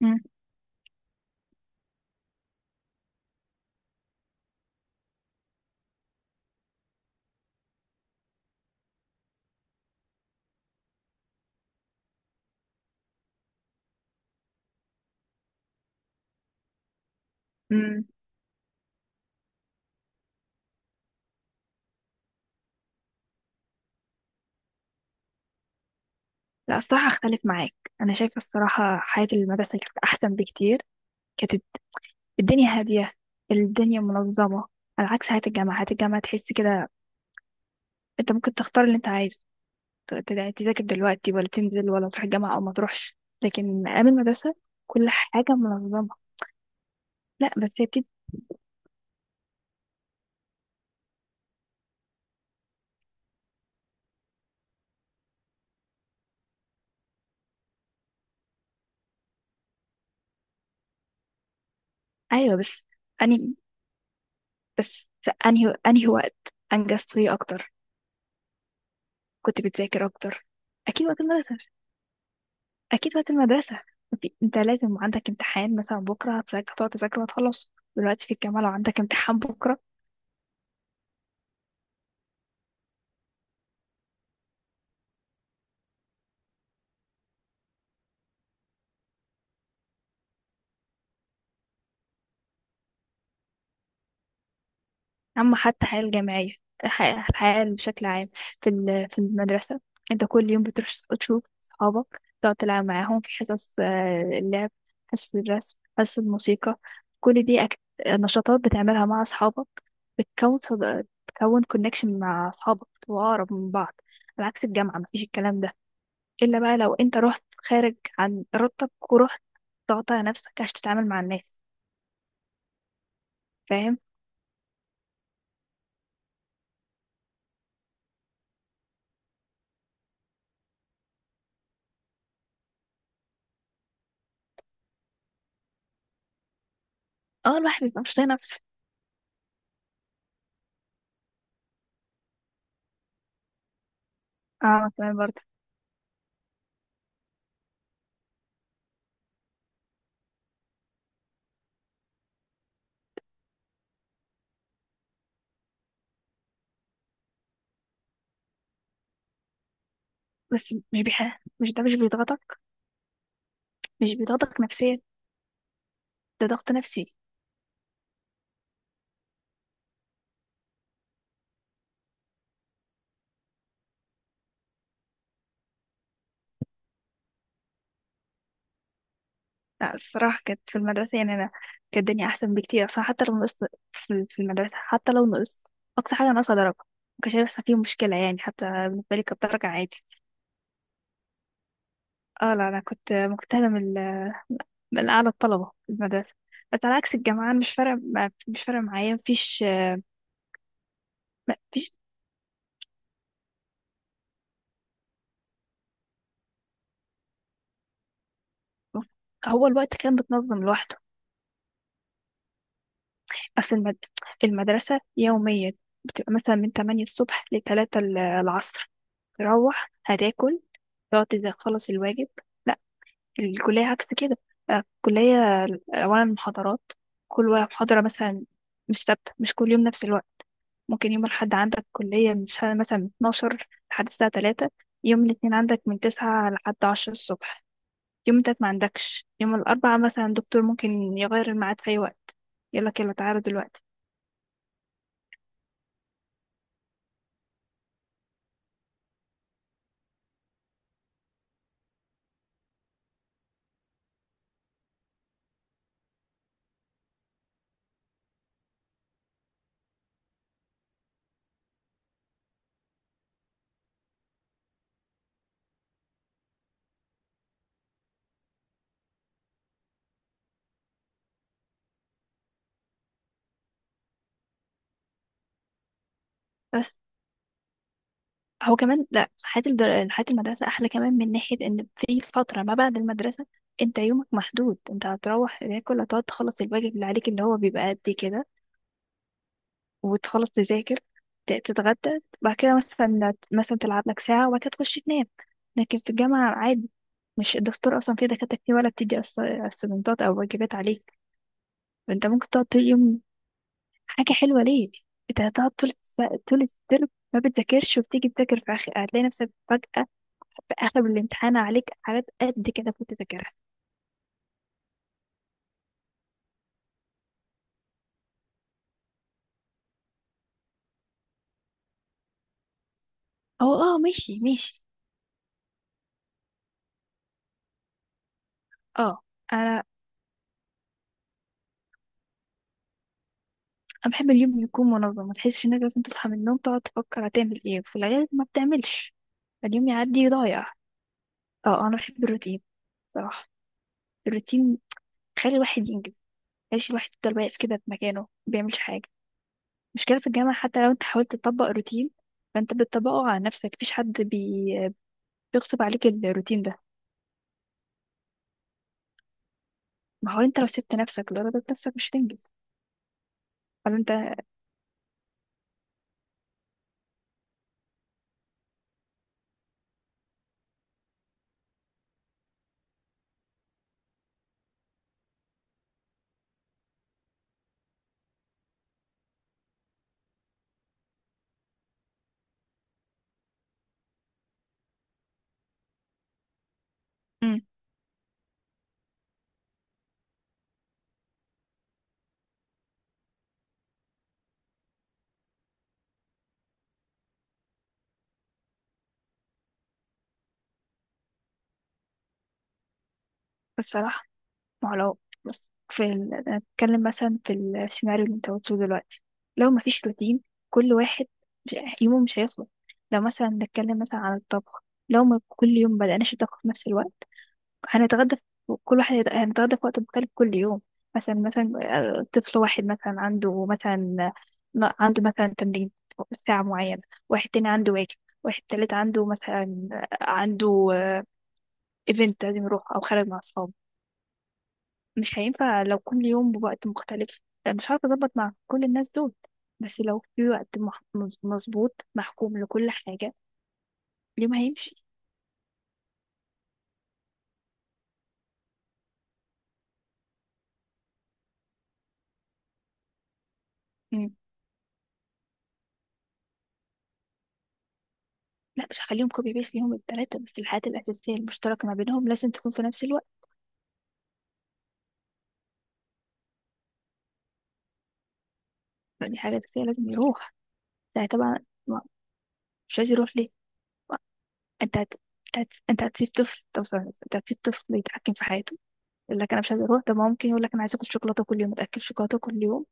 مم. مم. لا، الصراحة أختلف معاك. أنا شايفة الصراحة حياة المدرسة كانت أحسن بكتير. كانت الدنيا هادية، الدنيا منظمة، على عكس حياة الجامعة. حياة الجامعة تحس كده أنت ممكن تختار اللي أنت عايزه، ت- ت- تذاكر دلوقتي ولا تنزل ولا تروح الجامعة أو ما تروحش. لكن أيام المدرسة كل حاجة منظمة. لا بس هي. أيوة بس أني بس في أنهي وقت أنجزت فيه أكتر؟ كنت بتذاكر أكتر. أكيد وقت المدرسة، اكيد وقت المدرسه. إنت لازم عندك امتحان مثلا بكره هتذاكر، هتقعد تذاكر وهتخلص. دلوقتي في الجامعه لو عندك امتحان بكره. اما حتى الحياه الجامعيه، الحياة بشكل عام. في المدرسه انت كل يوم بتروح تشوف صحابك، تقعد تلعب معاهم في حصص اللعب، حصص الرسم، حصص الموسيقى. كل دي أك... نشاطات بتعملها مع اصحابك، بتكون كونكشن مع اصحابك وأقرب من بعض. على عكس الجامعه، مفيش الكلام ده إلا بقى لو أنت رحت خارج عن إرادتك ورحت تقطع نفسك عشان تتعامل مع الناس. فاهم. اه، الواحد بيبقى مش طايق نفسه. اه تمام برضه. بس مش بيضغطك؟ مش بيضغطك نفسيا؟ ده ضغط نفسي. لا، الصراحة كانت في المدرسة، يعني أنا كانت الدنيا أحسن بكتير أصلا. حتى لو نقصت في المدرسة، حتى لو نقصت، أقصى حاجة ناقصة درجة، مكانش هيحصل فيه مشكلة، يعني حتى بالنسبة لي كانت درجة عادي. اه لا، أنا كنت مجتهدة من أعلى الطلبة في المدرسة. بس على عكس الجامعة، أنا مش فارق معايا مفيش. ما فيش، هو الوقت كان بتنظم لوحده. بس المد... المدرسة يوميا بتبقى مثلا من 8 الصبح ل 3 العصر، تروح هتاكل، تقعد، تخلص الواجب. لا، الكلية عكس كده. الكلية أولا محاضرات، محاضرة مثلا مش ثابتة، مش كل يوم نفس الوقت. ممكن يوم الأحد عندك كلية من الساعة مثلا من 12 لحد الساعة 3، يوم الاثنين عندك من 9 لحد 10 الصبح، يوم التلات ما عندكش، يوم الأربعاء مثلا الدكتور ممكن يغير الميعاد في أي وقت، يقولك يلا تعالوا دلوقتي. بس هو كمان لا، حياة المدرسة أحلى كمان من ناحية إن في فترة ما بعد المدرسة أنت يومك محدود. أنت هتروح تاكل، هتقعد تخلص الواجب اللي عليك، اللي هو بيبقى قد كده، وتخلص تذاكر، تتغدى بعد كده، مثلا تلعب لك ساعة وبعد كده تخش تنام. لكن في الجامعة عادي، مش الدكتور أصلا، في دكاترة كتير ولا بتدي أسايمنتات أو واجبات عليك. فأنت ممكن تقعد طول يوم. حاجة حلوة ليه؟ انت هتقعد طول الترم ما بتذاكرش، وبتيجي تذاكر في آخر، هتلاقي نفسك فجأة في آخر الامتحان عليك حاجات قد كده كنت تذاكرها. هو اه، ماشي ماشي. اه انا انا بحب اليوم يكون منظم، ما تحسش انك لازم تصحى من النوم تقعد تفكر هتعمل ايه. في الغالب ما بتعملش، اليوم يعدي ضايع. اه، انا بحب الروتين صراحة. الروتين خلي الواحد ينجز، خليش الواحد يفضل واقف كده في مكانه ما بيعملش حاجة. مشكلة في الجامعة، حتى لو انت حاولت تطبق روتين فانت بتطبقه على نفسك، مفيش حد بيغصب عليك الروتين ده. ما هو انت لو سبت نفسك لضربت نفسك، مش هتنجز. ولا انت؟ امم بصراحة، ما هو لو بص انا بتكلم مثلا في السيناريو اللي انت قلته دلوقتي، لو مفيش روتين كل واحد مش... يومه مش هيخلص. لو مثلا نتكلم مثلا عن الطبخ، لو ما كل يوم بدأناش الطبخ في نفس الوقت هنتغدى، هنتغدى في وقت مختلف كل يوم. مثلا، طفل واحد مثلا عنده مثلا عنده مثلا تمرين ساعة معينة، واحد تاني عنده واجب، واحد تالت عنده مثلا عنده ايفنت لازم يروح أو خارج مع أصحابه. مش هينفع لو كل يوم بوقت مختلف، مش عارفة أظبط مع كل الناس دول. بس لو في وقت مظبوط محكوم لكل حاجة، اليوم هيمشي. مم. لا، مش هخليهم كوبي بيس ليهم التلاتة، بس الحاجات الأساسية المشتركة ما بينهم لازم تكون في نفس الوقت. لأ، دي حاجة أساسية لازم يروح، ده طبعا. ما- مش عايز يروح ليه؟ ما أنت هت... أنت هتسيب طفل؟ طب ثواني بس، أنت هتسيب طفل يتحكم في حياته، يقول لك أنا مش عايز أروح؟ طب ما ممكن يقول لك أنا عايز آكل شوكولاتة كل يوم، أتأكل شوكولاتة كل يوم؟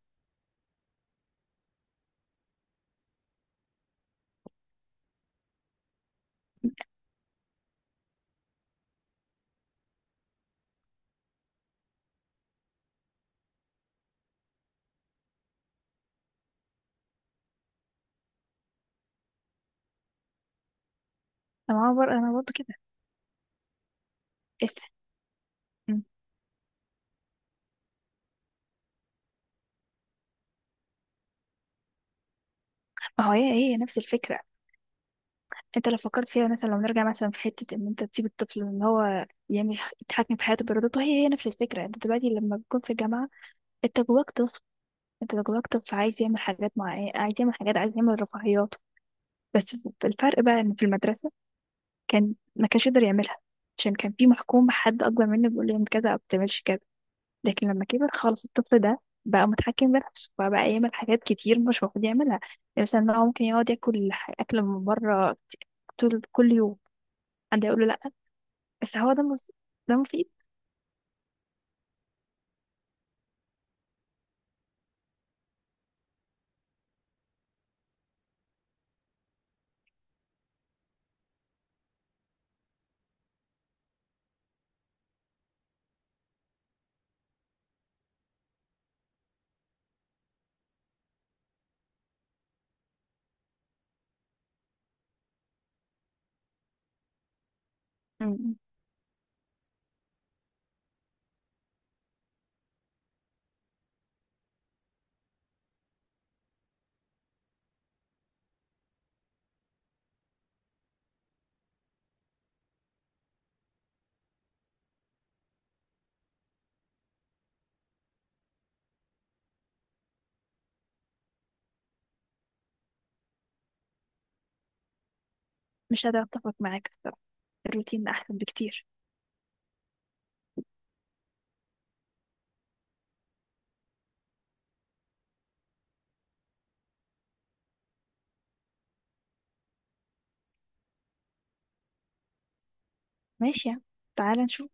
طب ما هو أنا برضه كده. إيه؟ مم. ما هو هي هي نفس الفكرة. أنت لو فكرت فيها مثلا، لو نرجع مثلا في حتة إن أنت تسيب الطفل إن هو يعمل، يتحكم في حياته بإرادته، هي هي نفس الفكرة. أنت دلوقتي لما بتكون في الجامعة أنت جواك طفل، أنت جواك طفل عايز يعمل حاجات معينة، عايز يعمل حاجات، عايز يعمل رفاهيات. بس الفرق بقى ان في المدرسة كان ما كانش يقدر يعملها عشان كان في محكوم بحد اكبر منه بيقول له اعمل كذا او بتعملش كذا. لكن لما كبر خلاص الطفل ده بقى متحكم بنفسه، فبقى يعمل حاجات كتير مش المفروض يعملها. يعني مثلا إن هو ممكن يقعد ياكل اكل من بره طول كل يوم، حد يقول له لا؟ بس هو ده مفيد؟ م- مش قادرة اتفق معاك الصراحة، الروتين احسن بكتير. ماشي يا عم. تعالى نشوف.